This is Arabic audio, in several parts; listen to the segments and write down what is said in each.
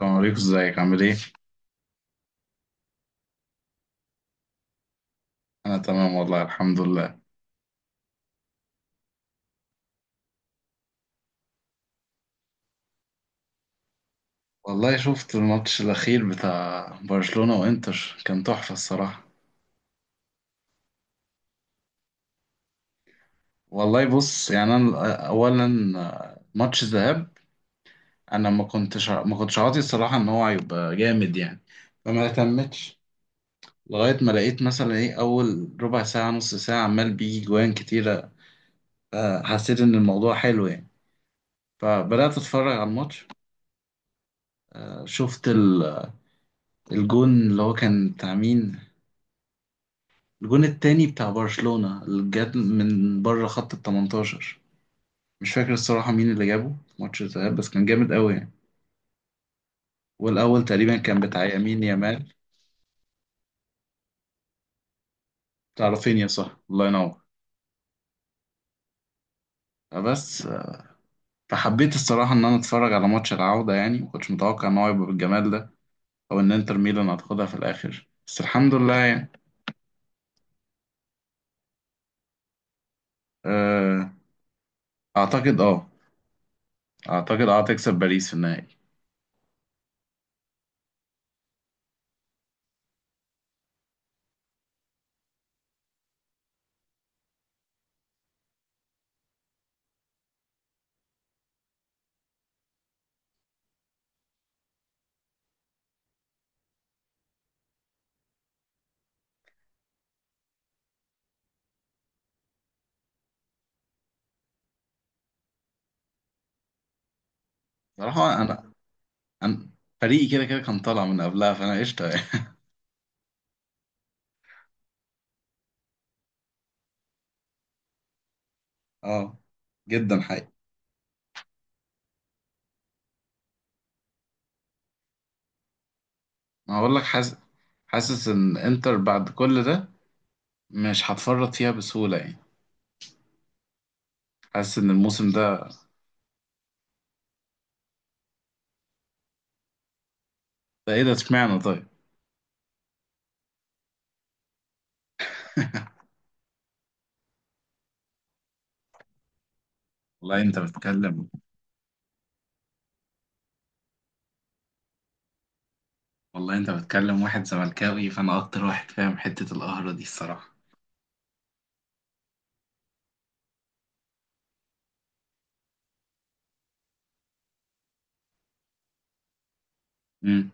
السلام عليكم، ازيك؟ عامل ايه؟ انا تمام والله الحمد لله. والله شفت الماتش الاخير بتاع برشلونة وانتر، كان تحفة الصراحة. والله بص يعني، انا اولا ماتش ذهاب، انا ما كنتش عاطي الصراحة ان هو هيبقى جامد يعني، فما اهتمتش. لغاية ما لقيت مثلا ايه اول ربع ساعة نص ساعة عمال بيجي جوان كتيرة، آه، حسيت ان الموضوع حلو يعني، فبدأت اتفرج على الماتش. شفت الجون اللي هو كان بتاع مين، الجون التاني بتاع برشلونة اللي جاب من بره خط ال 18. مش فاكر الصراحة مين اللي جابه في ماتش الذهاب، بس كان جامد قوي يعني. والأول تقريبا كان بتاع يمين يامال. بتاع رافينيا، صح، الله ينور. بس فحبيت الصراحة إن أنا أتفرج على ماتش العودة، يعني مكنتش متوقع إن هو يبقى بالجمال ده، أو إن إنتر ميلان هتاخدها في الآخر، بس الحمد لله يعني. آه، أعتقد أه، أعتقد أه تكسب باريس في النهائي. صراحة أنا، أنا فريقي كده كده كان طالع من قبلها، فأنا قشطة يعني. أه، جدا حقيقي. اقول لك، حاسس، حاسس ان انتر بعد كل ده مش هتفرط فيها بسهولة يعني. حاسس ان الموسم ده، ده ايه ده؟ اشمعنى طيب؟ والله انت بتكلم، والله انت بتكلم واحد زملكاوي، فانا اكتر واحد فاهم حتة القهرة دي الصراحة. امم،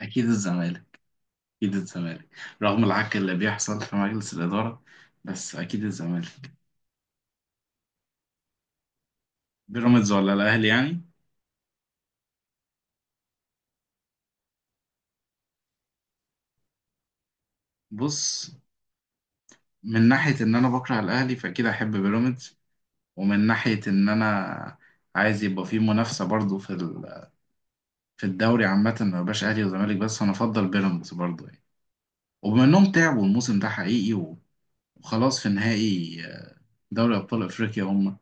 اكيد الزمالك، اكيد الزمالك، رغم العك اللي بيحصل في مجلس الإدارة. بس اكيد الزمالك. بيراميدز ولا الاهلي يعني؟ بص، من ناحية ان انا بكره الاهلي، فاكيد احب بيراميدز. ومن ناحية ان انا عايز يبقى فيه منافسة برضو في ال، في الدوري عامة، ما بقاش أهلي وزمالك بس، أنا أفضل بيراميدز برضه يعني. وبما إنهم تعبوا الموسم ده حقيقي، وخلاص في نهائي دوري أبطال أفريقيا هم،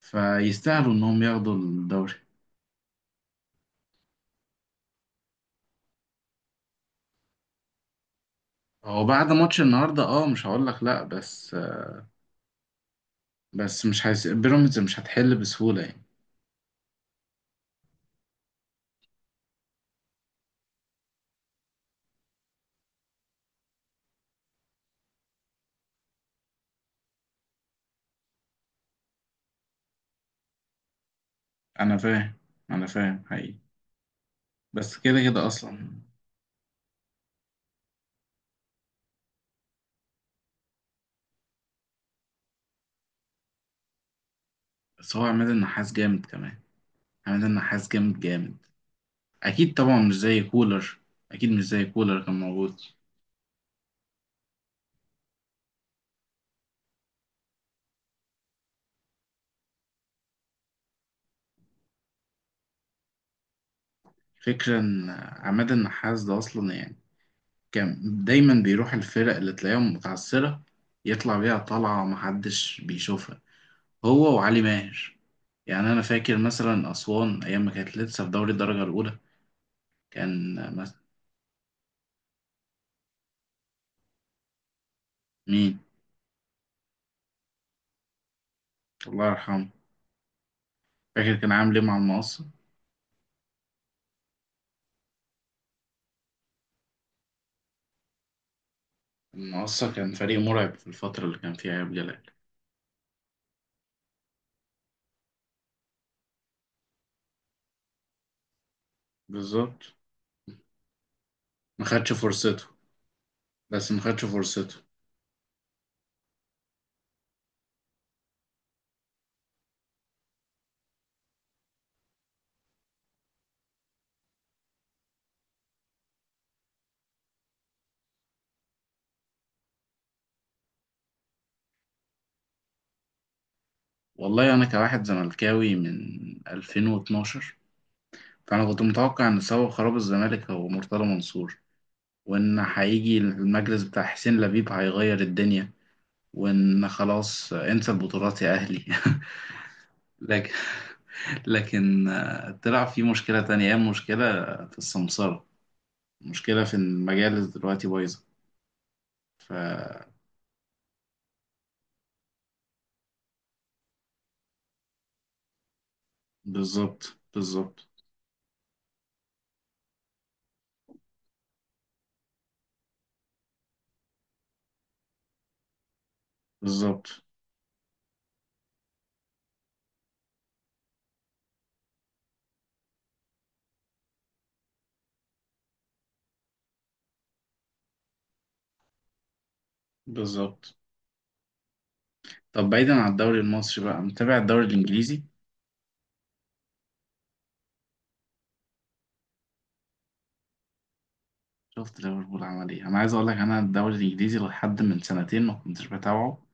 فيستاهلوا إنهم ياخدوا الدوري. هو بعد ماتش النهاردة أه، مش هقول لك لأ، بس بس مش هيس... بيراميدز مش هتحل بسهولة يعني. أنا فاهم، أنا فاهم حقيقي. بس كده كده أصلا. بس هو عماد النحاس جامد كمان، عماد النحاس جامد جامد. أكيد طبعا مش زي كولر. أكيد مش زي كولر كان موجود. فكرة إن عماد النحاس ده أصلا يعني، كان دايما بيروح الفرق اللي تلاقيهم متعثرة، يطلع بيها طلعة محدش بيشوفها، هو وعلي ماهر. يعني أنا فاكر مثلا أسوان أيام ما كانت لسه في دوري الدرجة الأولى، كان مثلا مين. الله يرحمه. فاكر كان عامل إيه مع المقصة؟ المقصة كان فريق مرعب في الفترة اللي كان فيها إيهاب جلال. بالظبط. ما خدش فرصته. بس ما خدش فرصته. والله أنا كواحد زملكاوي من 2012، فأنا كنت متوقع إن سبب خراب الزمالك هو مرتضى منصور، وإن هيجي المجلس بتاع حسين لبيب هيغير الدنيا، وإن خلاص انسى البطولات يا أهلي. لكن، لكن آه، طلع في مشكلة تانية، هي مشكلة في السمسرة، مشكلة في المجالس دلوقتي بايظة. فبالظبط، بالظبط، بالظبط، بالظبط، بالظبط. طب بعيدا عن الدوري المصري بقى، متابع الدوري الإنجليزي؟ شفت ليفربول عمل إيه؟ أنا عايز أقول لك، أنا الدوري الإنجليزي لحد من سنتين ما كنتش بتابعه،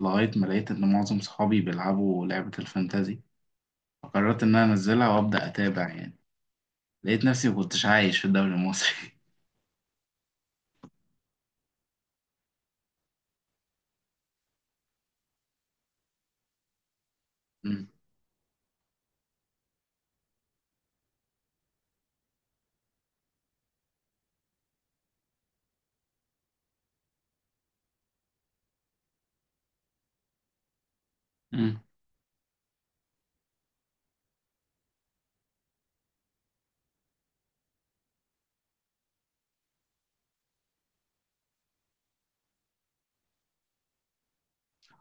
لغاية ما لقيت إن معظم صحابي بيلعبوا لعبة الفانتازي، فقررت إن أنا أنزلها وأبدأ أتابع يعني. لقيت نفسي مكنتش عايش في الدوري المصري. أمم، أمم.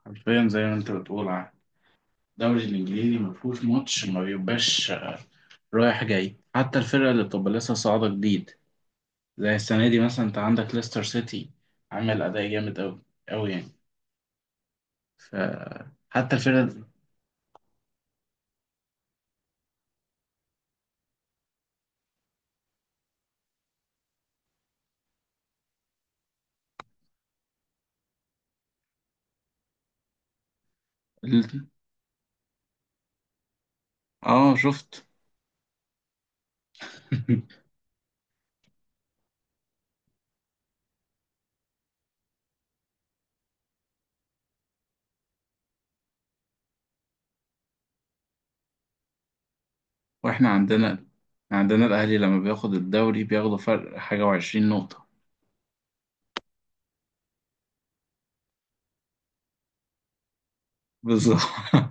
حرفيا زي ما أنت بتقول، الدوري الإنجليزي مفهوش ماتش ما بيبقاش رايح جاي، حتى الفرقة اللي بتبقى لسه صاعدة جديد، زي السنة دي مثلا أنت عندك ليستر سيتي، عامل أداء جامد أوي، أوي يعني. ف، حتى الفرقة ال- آه شفت. واحنا عندنا، عندنا الاهلي لما بياخد الدوري بياخدوا فرق حاجه وعشرين نقطه. بالظبط.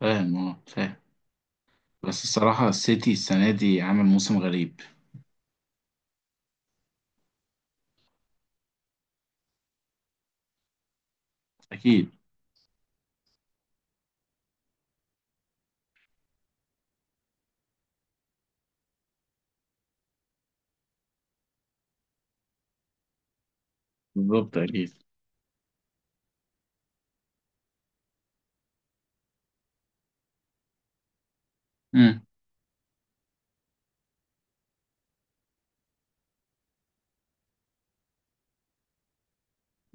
فاهم، اه فاهم. بس الصراحه السيتي السنه دي عامل موسم غريب. اكيد. بالظبط اكيد. مم.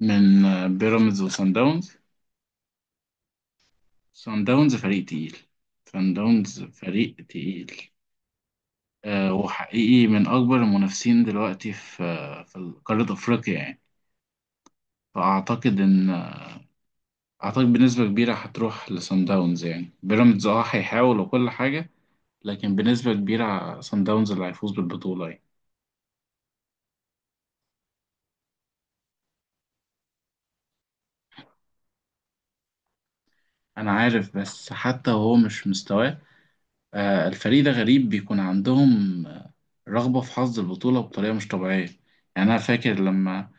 من آه، بيراميدز وسان داونز. سان داونز فريق تقيل، سان داونز فريق تقيل. آه وحقيقي من اكبر المنافسين دلوقتي في آه، في قاره افريقيا يعني. فاعتقد ان، اعتقد بنسبه كبيره هتروح لسان داونز، يعني بيراميدز اه هيحاول وكل حاجه، لكن بنسبة كبيرة صن داونز اللي هيفوز بالبطولة يعني. أنا عارف، بس حتى وهو مش مستواه، آه، الفريق ده غريب، بيكون عندهم آه، رغبة في حظ البطولة بطريقة مش طبيعية. يعني أنا فاكر لما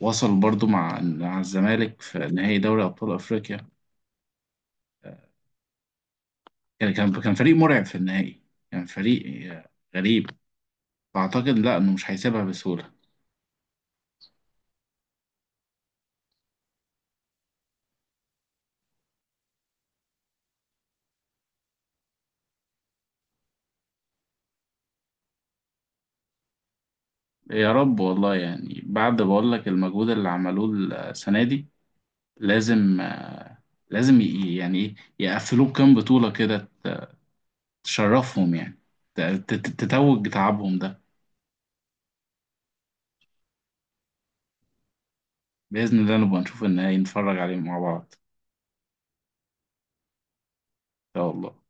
وصل برضو مع الزمالك في نهائي دوري أبطال أفريقيا، كان فريق مرعب في النهائي، كان فريق آه، غريب. فأعتقد لأ إنه مش هيسيبها بسهولة. يا رب والله، يعني بعد بقول لك المجهود اللي عملوه السنة دي، لازم آه، لازم يعني ايه يقفلوه كام بطولة كده تشرفهم يعني. ت- ت- تتوج تعبهم ده. بإذن الله نبقى نشوف النهائي نتفرج عليه مع بعض إن شاء الله.